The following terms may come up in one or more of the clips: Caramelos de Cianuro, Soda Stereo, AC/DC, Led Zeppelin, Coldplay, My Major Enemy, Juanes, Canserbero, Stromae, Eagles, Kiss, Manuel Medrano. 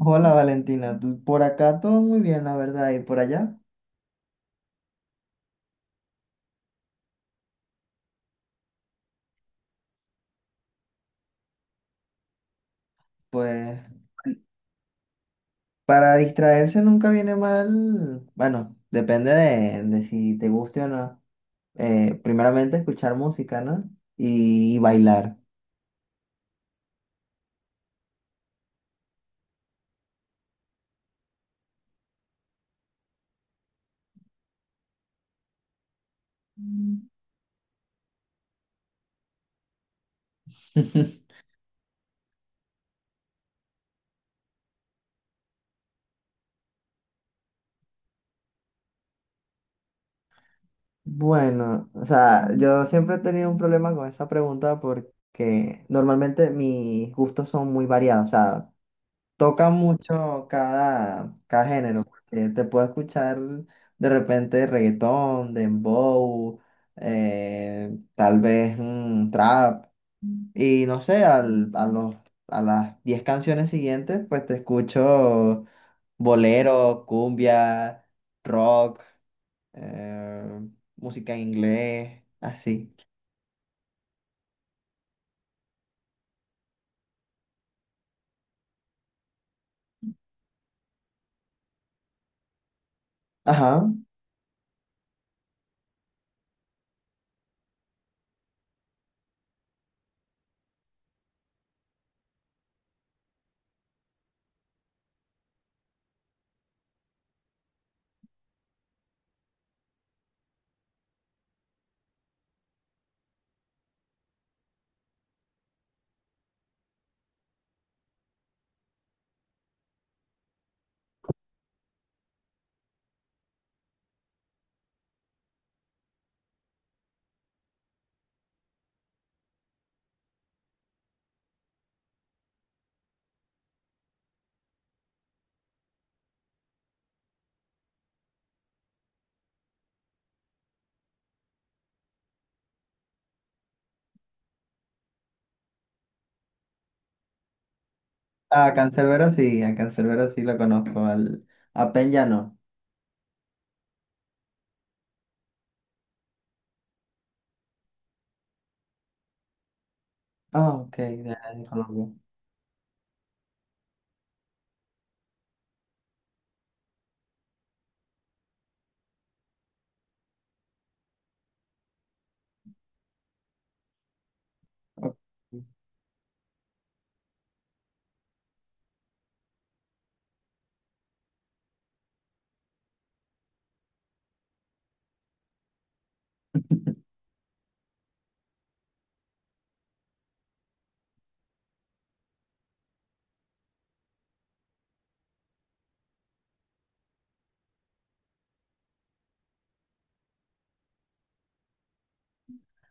Hola Valentina, por acá todo muy bien, la verdad, y por allá, pues para distraerse nunca viene mal, bueno, depende de si te guste o no. Primeramente escuchar música, ¿no? Y bailar. Bueno, o sea, yo siempre he tenido un problema con esa pregunta porque normalmente mis gustos son muy variados, o sea, toca mucho cada género, porque te puedo escuchar de repente reggaetón, dembow, tal vez trap, y no sé, a las 10 canciones siguientes, pues te escucho bolero, cumbia, rock, eh, música en inglés, así. Ajá, a Canserbero sí lo conozco, a Peña no. Ah, ok, de Colombia. Ok.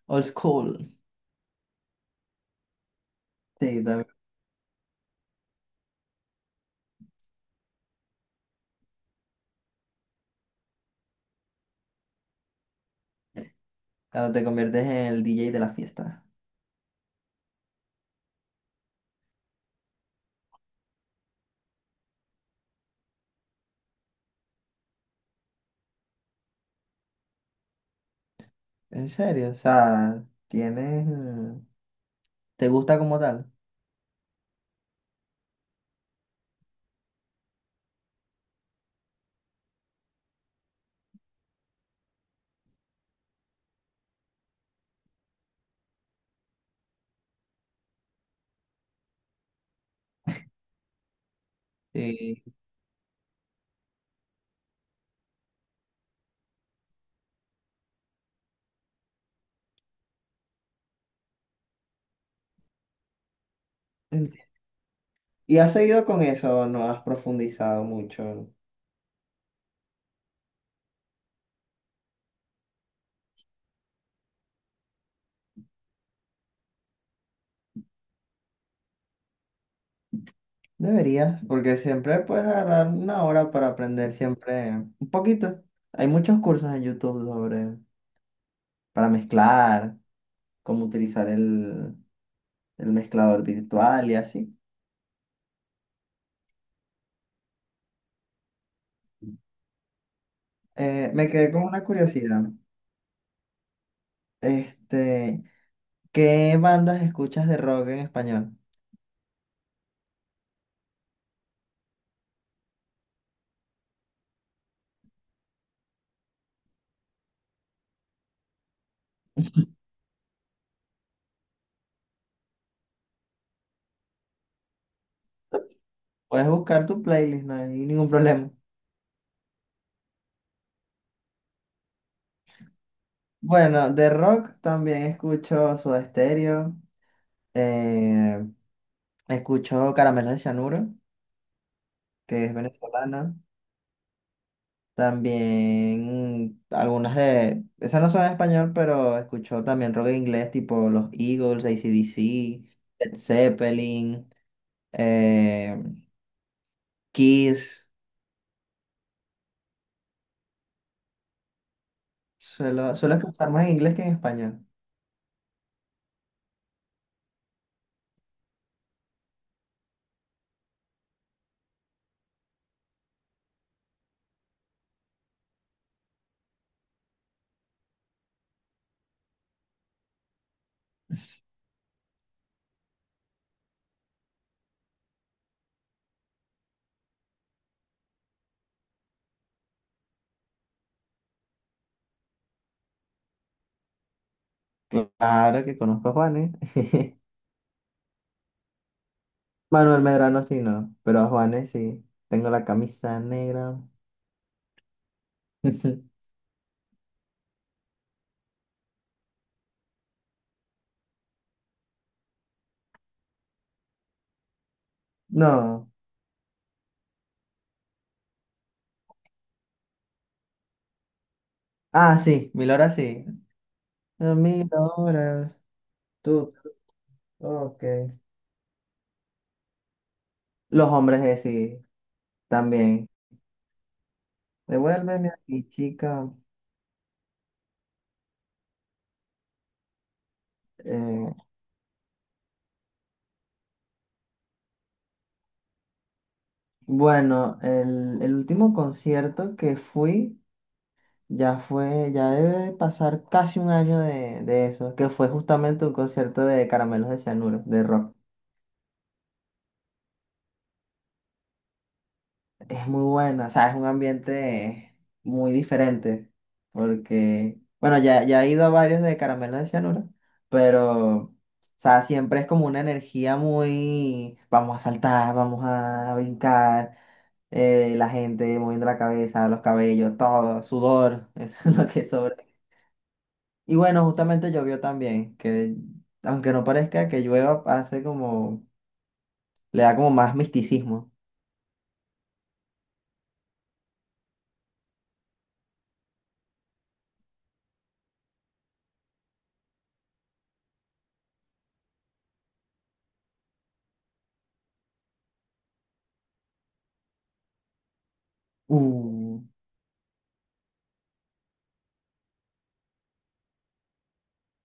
Old school. Sí, también, cuando te conviertes en el DJ de la fiesta. ¿En serio? O sea, tienes, ¿te gusta como tal? Sí. Enti- ¿Y has seguido con eso o no has profundizado mucho? Deberías, porque siempre puedes agarrar una hora para aprender siempre un poquito. Hay muchos cursos en YouTube sobre para mezclar, cómo utilizar el mezclador virtual y así. Me quedé con una curiosidad. Este, ¿Qué bandas escuchas de rock en español? Puedes buscar tu playlist, no hay ningún problema. Bueno, de rock también escucho Soda Stereo, eh, escucho Caramelos de Cianuro, que es venezolana. También algunas de, esas no son en español, pero escucho también rock en inglés, tipo los Eagles, AC/DC, Led Zeppelin, eh, Kiss. Suelo escuchar más en inglés que en español. Claro que conozco a Juanes. Manuel Medrano sí, no, pero a Juanes sí. Tengo la camisa negra. No. Ah, sí, mil horas sí. Mil horas. Tú, ok. Los hombres, sí, también. Devuélveme aquí, chica. Eh, bueno, el último concierto que fui ya fue, ya debe pasar casi un año de eso, que fue justamente un concierto de Caramelos de Cianuro, de rock. Es muy buena, o sea, es un ambiente muy diferente, porque, bueno, ya he ido a varios de Caramelo de Cianuro, pero, o sea, siempre es como una energía muy, vamos a saltar, vamos a brincar, la gente moviendo la cabeza, los cabellos, todo, sudor, eso es lo que sobra. Y bueno, justamente llovió también, que aunque no parezca que llueva, hace como, le da como más misticismo. Uh,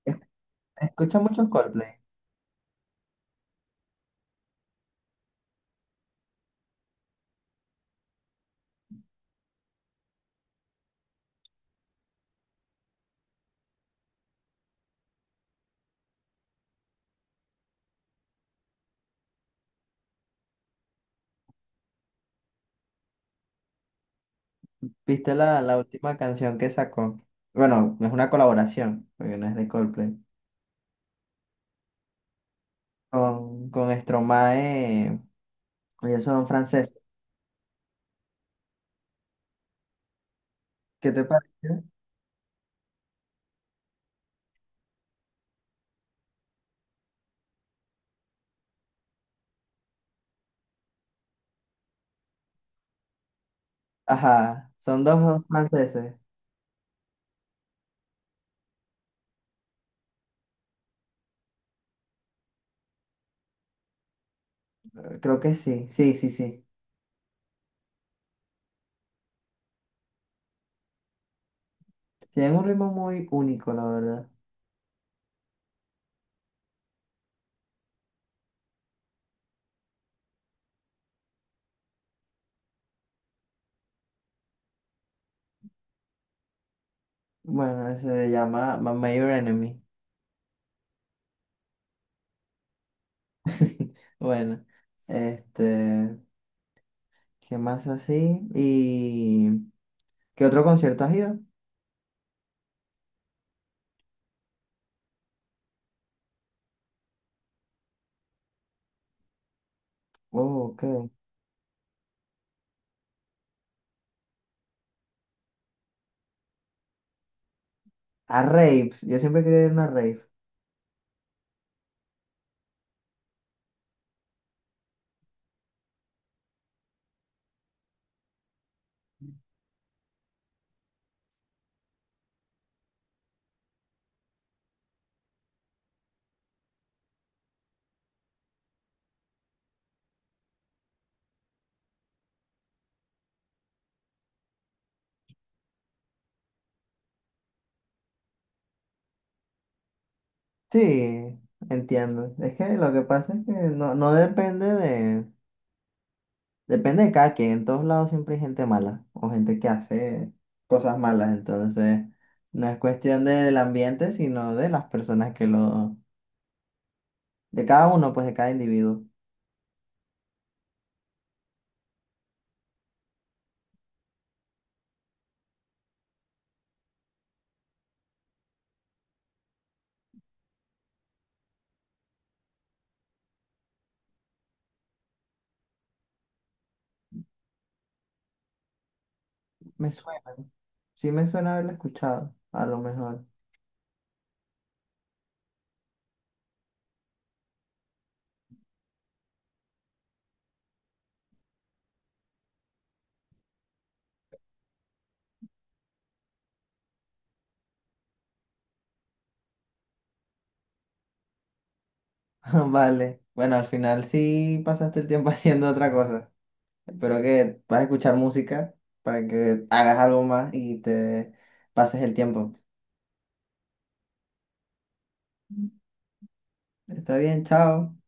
es- escucha muchos Coldplay. ¿Viste la última canción que sacó? Bueno, no es una colaboración, porque no es de Coldplay. Con Stromae, ellos son franceses. ¿Qué te parece? Ajá, son dos franceses. Creo que sí, sí, sí, sí. Tienen un ritmo muy único, la verdad. Bueno, se llama My Major Enemy. Bueno, este, ¿qué más así? ¿Y qué otro concierto has ido? Oh, ok. A raves, yo siempre quería ir a una rave. Sí, entiendo. Es que lo que pasa es que no depende de. Depende de cada quien. En todos lados siempre hay gente mala o gente que hace cosas malas. Entonces, no es cuestión del ambiente, sino de las personas que lo. De cada uno, pues de cada individuo. Me suena. Sí me suena haberlo escuchado, a lo mejor. Vale. Bueno, al final sí pasaste el tiempo haciendo otra cosa. Espero que puedas escuchar música para que hagas algo más y te pases el tiempo. Está bien, chao.